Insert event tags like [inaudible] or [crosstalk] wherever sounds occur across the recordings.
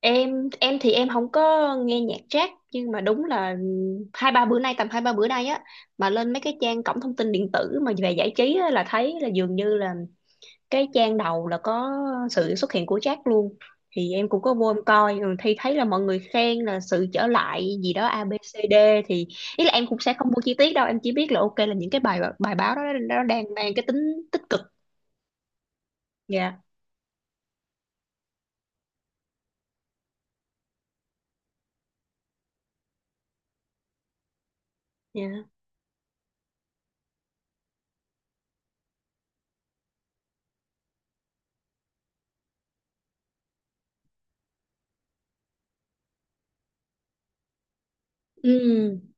Em thì em không có nghe nhạc jazz, nhưng mà đúng là hai ba bữa nay, tầm hai ba bữa nay á, mà lên mấy cái trang cổng thông tin điện tử mà về giải trí á, là thấy là dường như là cái trang đầu là có sự xuất hiện của jazz luôn. Thì em cũng có vô em coi, thì thấy là mọi người khen là sự trở lại gì đó A ABCD. Thì ý là em cũng sẽ không mua chi tiết đâu, em chỉ biết là ok là những cái bài bài báo đó nó đang mang cái tính tích cực. Dạ. Dạ. Ừ.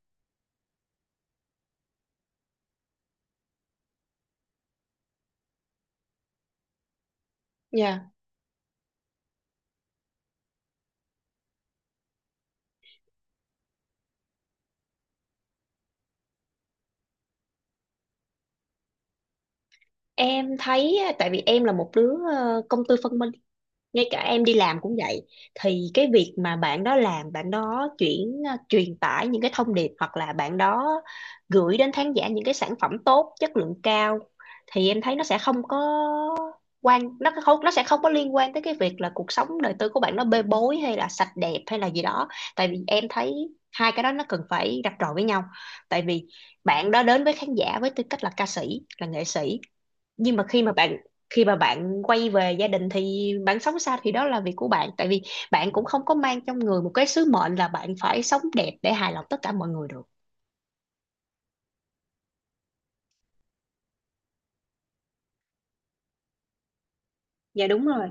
Dạ. Em thấy á, tại vì em là một đứa công tư phân minh, ngay cả em đi làm cũng vậy. Thì cái việc mà bạn đó làm, bạn đó truyền tải những cái thông điệp hoặc là bạn đó gửi đến khán giả những cái sản phẩm tốt, chất lượng cao, thì em thấy nó sẽ không có quan, nó không, nó sẽ không có liên quan tới cái việc là cuộc sống đời tư của bạn nó bê bối hay là sạch đẹp hay là gì đó. Tại vì em thấy hai cái đó nó cần phải rạch ròi với nhau. Tại vì bạn đó đến với khán giả với tư cách là ca sĩ, là nghệ sĩ, nhưng mà khi mà bạn quay về gia đình thì bạn sống sao thì đó là việc của bạn. Tại vì bạn cũng không có mang trong người một cái sứ mệnh là bạn phải sống đẹp để hài lòng tất cả mọi người được. Dạ đúng rồi.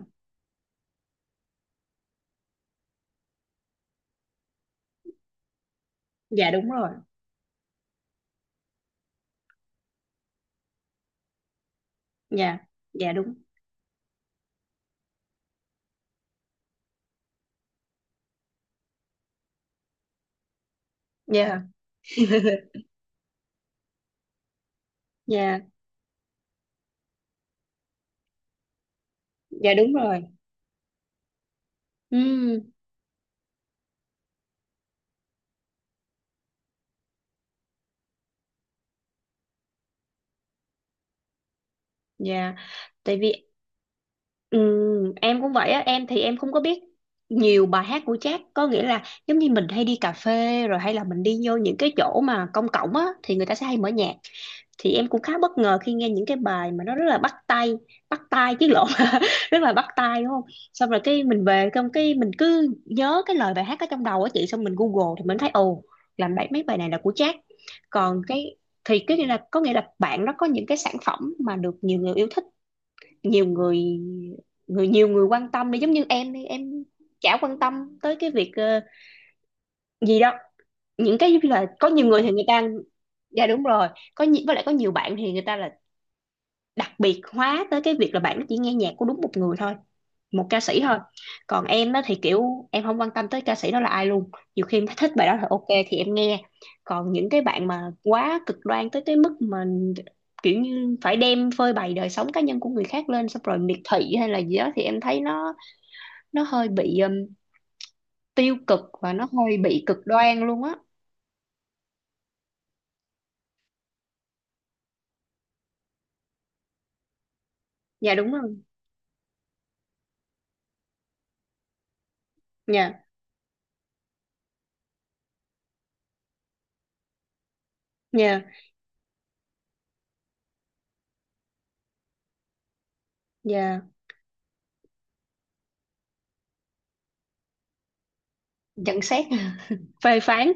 Dạ đúng rồi. Dạ. Dạ đúng. Dạ. Dạ. Dạ đúng rồi. Ừ. Dạ. Tại vì ừ, em cũng vậy á, em thì em không có biết nhiều bài hát của Jack. Có nghĩa là giống như mình hay đi cà phê rồi hay là mình đi vô những cái chỗ mà công cộng á thì người ta sẽ hay mở nhạc, thì em cũng khá bất ngờ khi nghe những cái bài mà nó rất là bắt tay, bắt tai chứ lộn, [laughs] rất là bắt tai đúng không. Xong rồi cái mình về xong cái mình cứ nhớ cái lời bài hát ở trong đầu á chị, xong mình Google thì mình thấy ồ, làm bài mấy bài này là của Jack. Còn cái, thì cái nghĩa là có nghĩa là bạn nó có những cái sản phẩm mà được nhiều người yêu thích, nhiều người nhiều người quan tâm đi, giống như em đi, em chả quan tâm tới cái việc gì đâu. Những cái giống như là có nhiều người thì người ta, dạ đúng rồi, với lại có nhiều bạn thì người ta là đặc biệt hóa tới cái việc là bạn nó chỉ nghe nhạc của đúng một người thôi, một ca sĩ thôi. Còn em đó thì kiểu em không quan tâm tới ca sĩ đó là ai luôn, nhiều khi em thích bài đó là ok thì em nghe. Còn những cái bạn mà quá cực đoan tới cái mức mà kiểu như phải đem phơi bày đời sống cá nhân của người khác lên xong rồi miệt thị hay là gì đó, thì em thấy nó hơi bị tiêu cực và nó hơi bị cực đoan luôn á. Dạ đúng rồi. Dạ. Dạ. Dạ. Nhận xét. [laughs] Phê phán.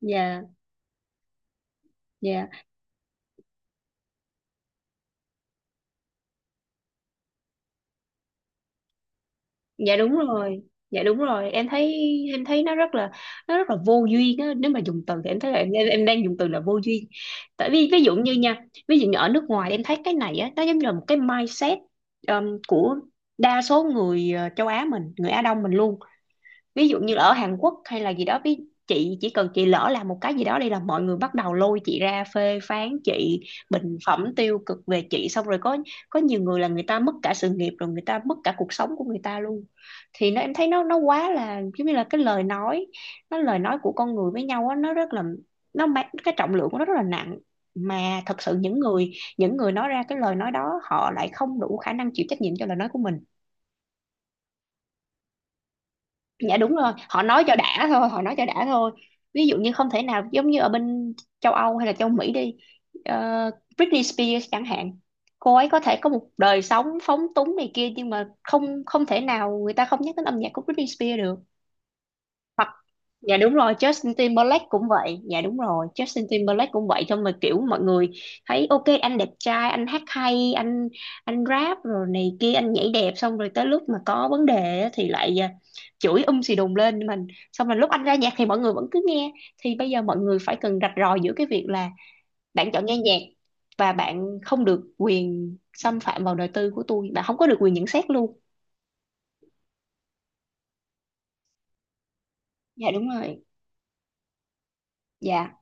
Dạ. Dạ. Dạ đúng rồi. Dạ đúng rồi. Em thấy nó rất là vô duyên á, nếu mà dùng từ thì em thấy là em đang dùng từ là vô duyên. Tại vì ví dụ như ở nước ngoài em thấy cái này á nó giống như là một cái mindset của đa số người châu Á mình, người Á Đông mình luôn. Ví dụ như ở Hàn Quốc hay là gì đó, chị chỉ cần chị lỡ làm một cái gì đó đây là mọi người bắt đầu lôi chị ra phê phán chị, bình phẩm tiêu cực về chị. Xong rồi có nhiều người là người ta mất cả sự nghiệp rồi người ta mất cả cuộc sống của người ta luôn. Thì nó em thấy nó quá là giống như là cái lời nói, lời nói của con người với nhau á, nó rất là nó mang cái trọng lượng của nó rất là nặng. Mà thật sự những người nói ra cái lời nói đó họ lại không đủ khả năng chịu trách nhiệm cho lời nói của mình. Dạ đúng rồi, họ nói cho đã thôi, họ nói cho đã thôi. Ví dụ như không thể nào, giống như ở bên châu Âu hay là châu Mỹ đi, ờ, Britney Spears chẳng hạn. Cô ấy có thể có một đời sống phóng túng này kia, nhưng mà không không thể nào người ta không nhắc đến âm nhạc của Britney Spears được. Dạ đúng rồi, Justin Timberlake cũng vậy. Dạ đúng rồi, Justin Timberlake cũng vậy thôi. Mà kiểu mọi người thấy ok anh đẹp trai, anh hát hay, anh rap rồi này kia, anh nhảy đẹp. Xong rồi tới lúc mà có vấn đề á thì lại chửi xì đùng lên mình. Xong rồi lúc anh ra nhạc thì mọi người vẫn cứ nghe. Thì bây giờ mọi người phải cần rạch ròi giữa cái việc là bạn chọn nghe nhạc, và bạn không được quyền xâm phạm vào đời tư của tôi, bạn không có được quyền nhận xét luôn. Dạ đúng rồi. Dạ.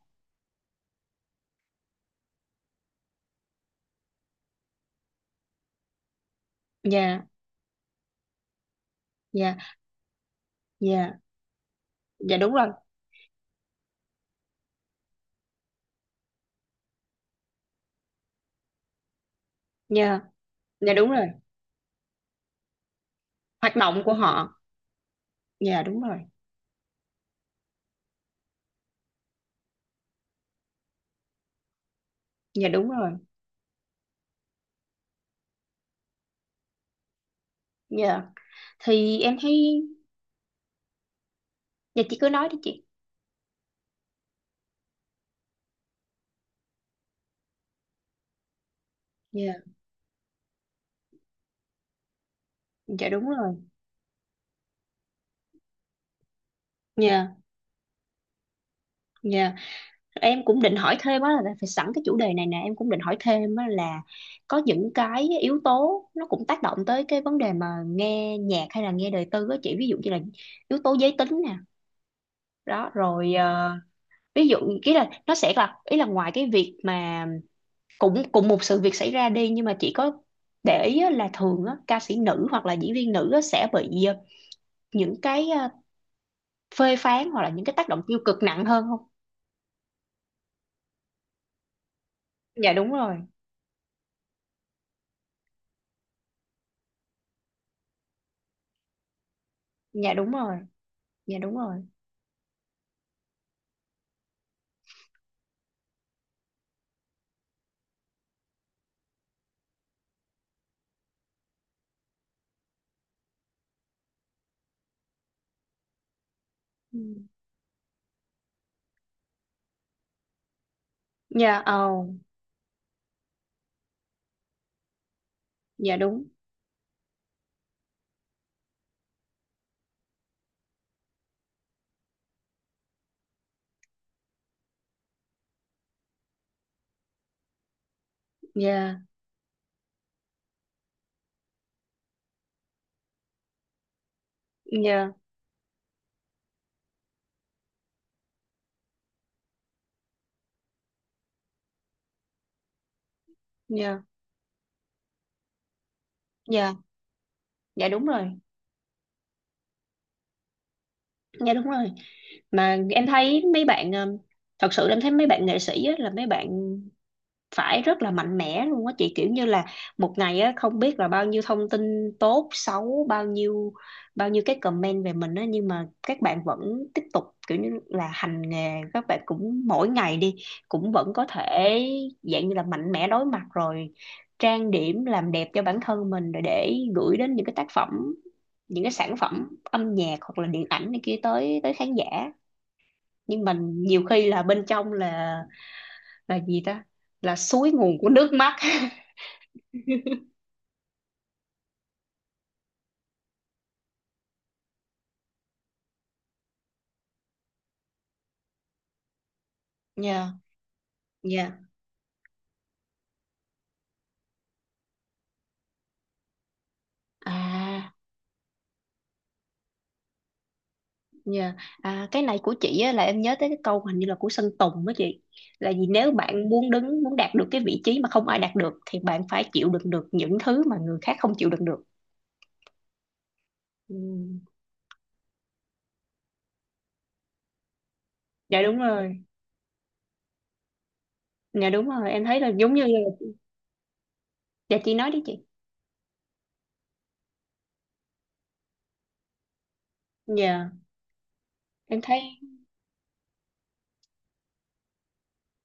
Dạ. Dạ. Dạ. Dạ đúng rồi. Dạ. Dạ đúng rồi. Hoạt động của họ. Dạ đúng rồi. Dạ đúng rồi. Dạ. Thì em thấy. Dạ chị cứ nói đi chị. Dạ. Dạ đúng rồi. Dạ. Dạ. Em cũng định hỏi thêm á là, phải sẵn cái chủ đề này nè, em cũng định hỏi thêm á là có những cái yếu tố nó cũng tác động tới cái vấn đề mà nghe nhạc hay là nghe đời tư á chị, ví dụ như là yếu tố giới tính nè. Đó rồi, ví dụ, ý là nó sẽ là ý là ngoài cái việc mà cũng cùng một sự việc xảy ra đi, nhưng mà chị có để ý á, là thường á, ca sĩ nữ hoặc là diễn viên nữ á, sẽ bị những cái phê phán hoặc là những cái tác động tiêu cực nặng hơn không? Dạ đúng rồi. Dạ đúng rồi. Dạ đúng rồi. Ừ. Dạ ồ. Dạ đúng. Dạ. Dạ. Dạ. Dạ. Dạ đúng rồi. Dạ đúng rồi. Mà em thấy mấy bạn ờ, thật sự em thấy mấy bạn nghệ sĩ á, là mấy bạn phải rất là mạnh mẽ luôn á chị, kiểu như là một ngày á không biết là bao nhiêu thông tin tốt xấu, bao nhiêu cái comment về mình á, nhưng mà các bạn vẫn tiếp tục kiểu như là hành nghề. Các bạn cũng mỗi ngày đi cũng vẫn có thể dạng như là mạnh mẽ đối mặt rồi trang điểm làm đẹp cho bản thân mình rồi để gửi đến những cái tác phẩm, những cái sản phẩm âm nhạc hoặc là điện ảnh này kia tới tới khán giả. Nhưng mình nhiều khi là bên trong là gì ta, là suối nguồn của nước mắt. [laughs] Nhờ. Dạ. À nhờ, cái này của chị á, là em nhớ tới cái câu hình như là của Sơn Tùng đó chị, là gì, nếu bạn muốn đạt được cái vị trí mà không ai đạt được thì bạn phải chịu đựng được những thứ mà người khác không chịu đựng được. Ừ. Dạ đúng rồi. Dạ đúng rồi. Em thấy là giống như là. Dạ chị nói đi chị. Dạ. Em thấy.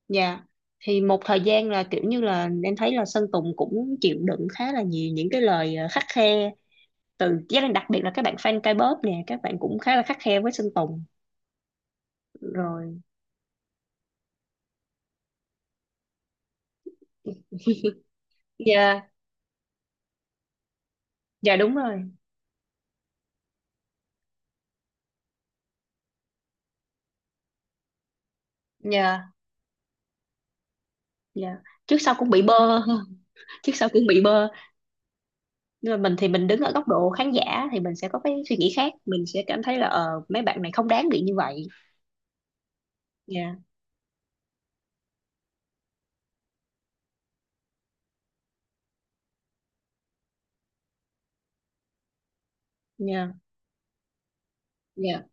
Dạ thì một thời gian là kiểu như là em thấy là Sơn Tùng cũng chịu đựng khá là nhiều những cái lời khắt khe từ gia đình, đặc biệt là các bạn fan K-pop nè, các bạn cũng khá là khắt khe với Sơn Tùng rồi. Dạ. Dạ đúng rồi. Dạ. Dạ. Trước sau cũng bị bơ. [laughs] Trước sau cũng bị bơ. Nhưng mà mình thì mình đứng ở góc độ khán giả thì mình sẽ có cái suy nghĩ khác, mình sẽ cảm thấy là mấy bạn này không đáng bị như vậy. Dạ. Dạ. Dạ.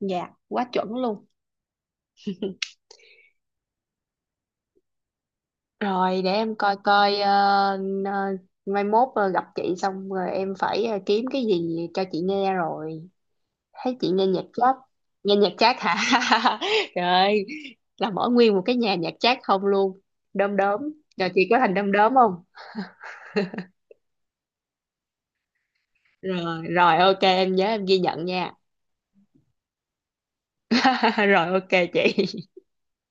Dạ quá chuẩn luôn. Rồi để em coi coi, n- ờ, mai mốt gặp chị xong rồi em phải kiếm cái gì cho chị nghe rồi. Thấy chị nghe nhạc jazz, nghe nhạc jazz hả, [laughs] trời ơi là mở nguyên một cái nhà nhạc jazz không luôn. Đom đóm, rồi chị có thành đom đóm không? Rồi rồi, ok em nhớ, em ghi nhận nha. [laughs] Rồi ok chị.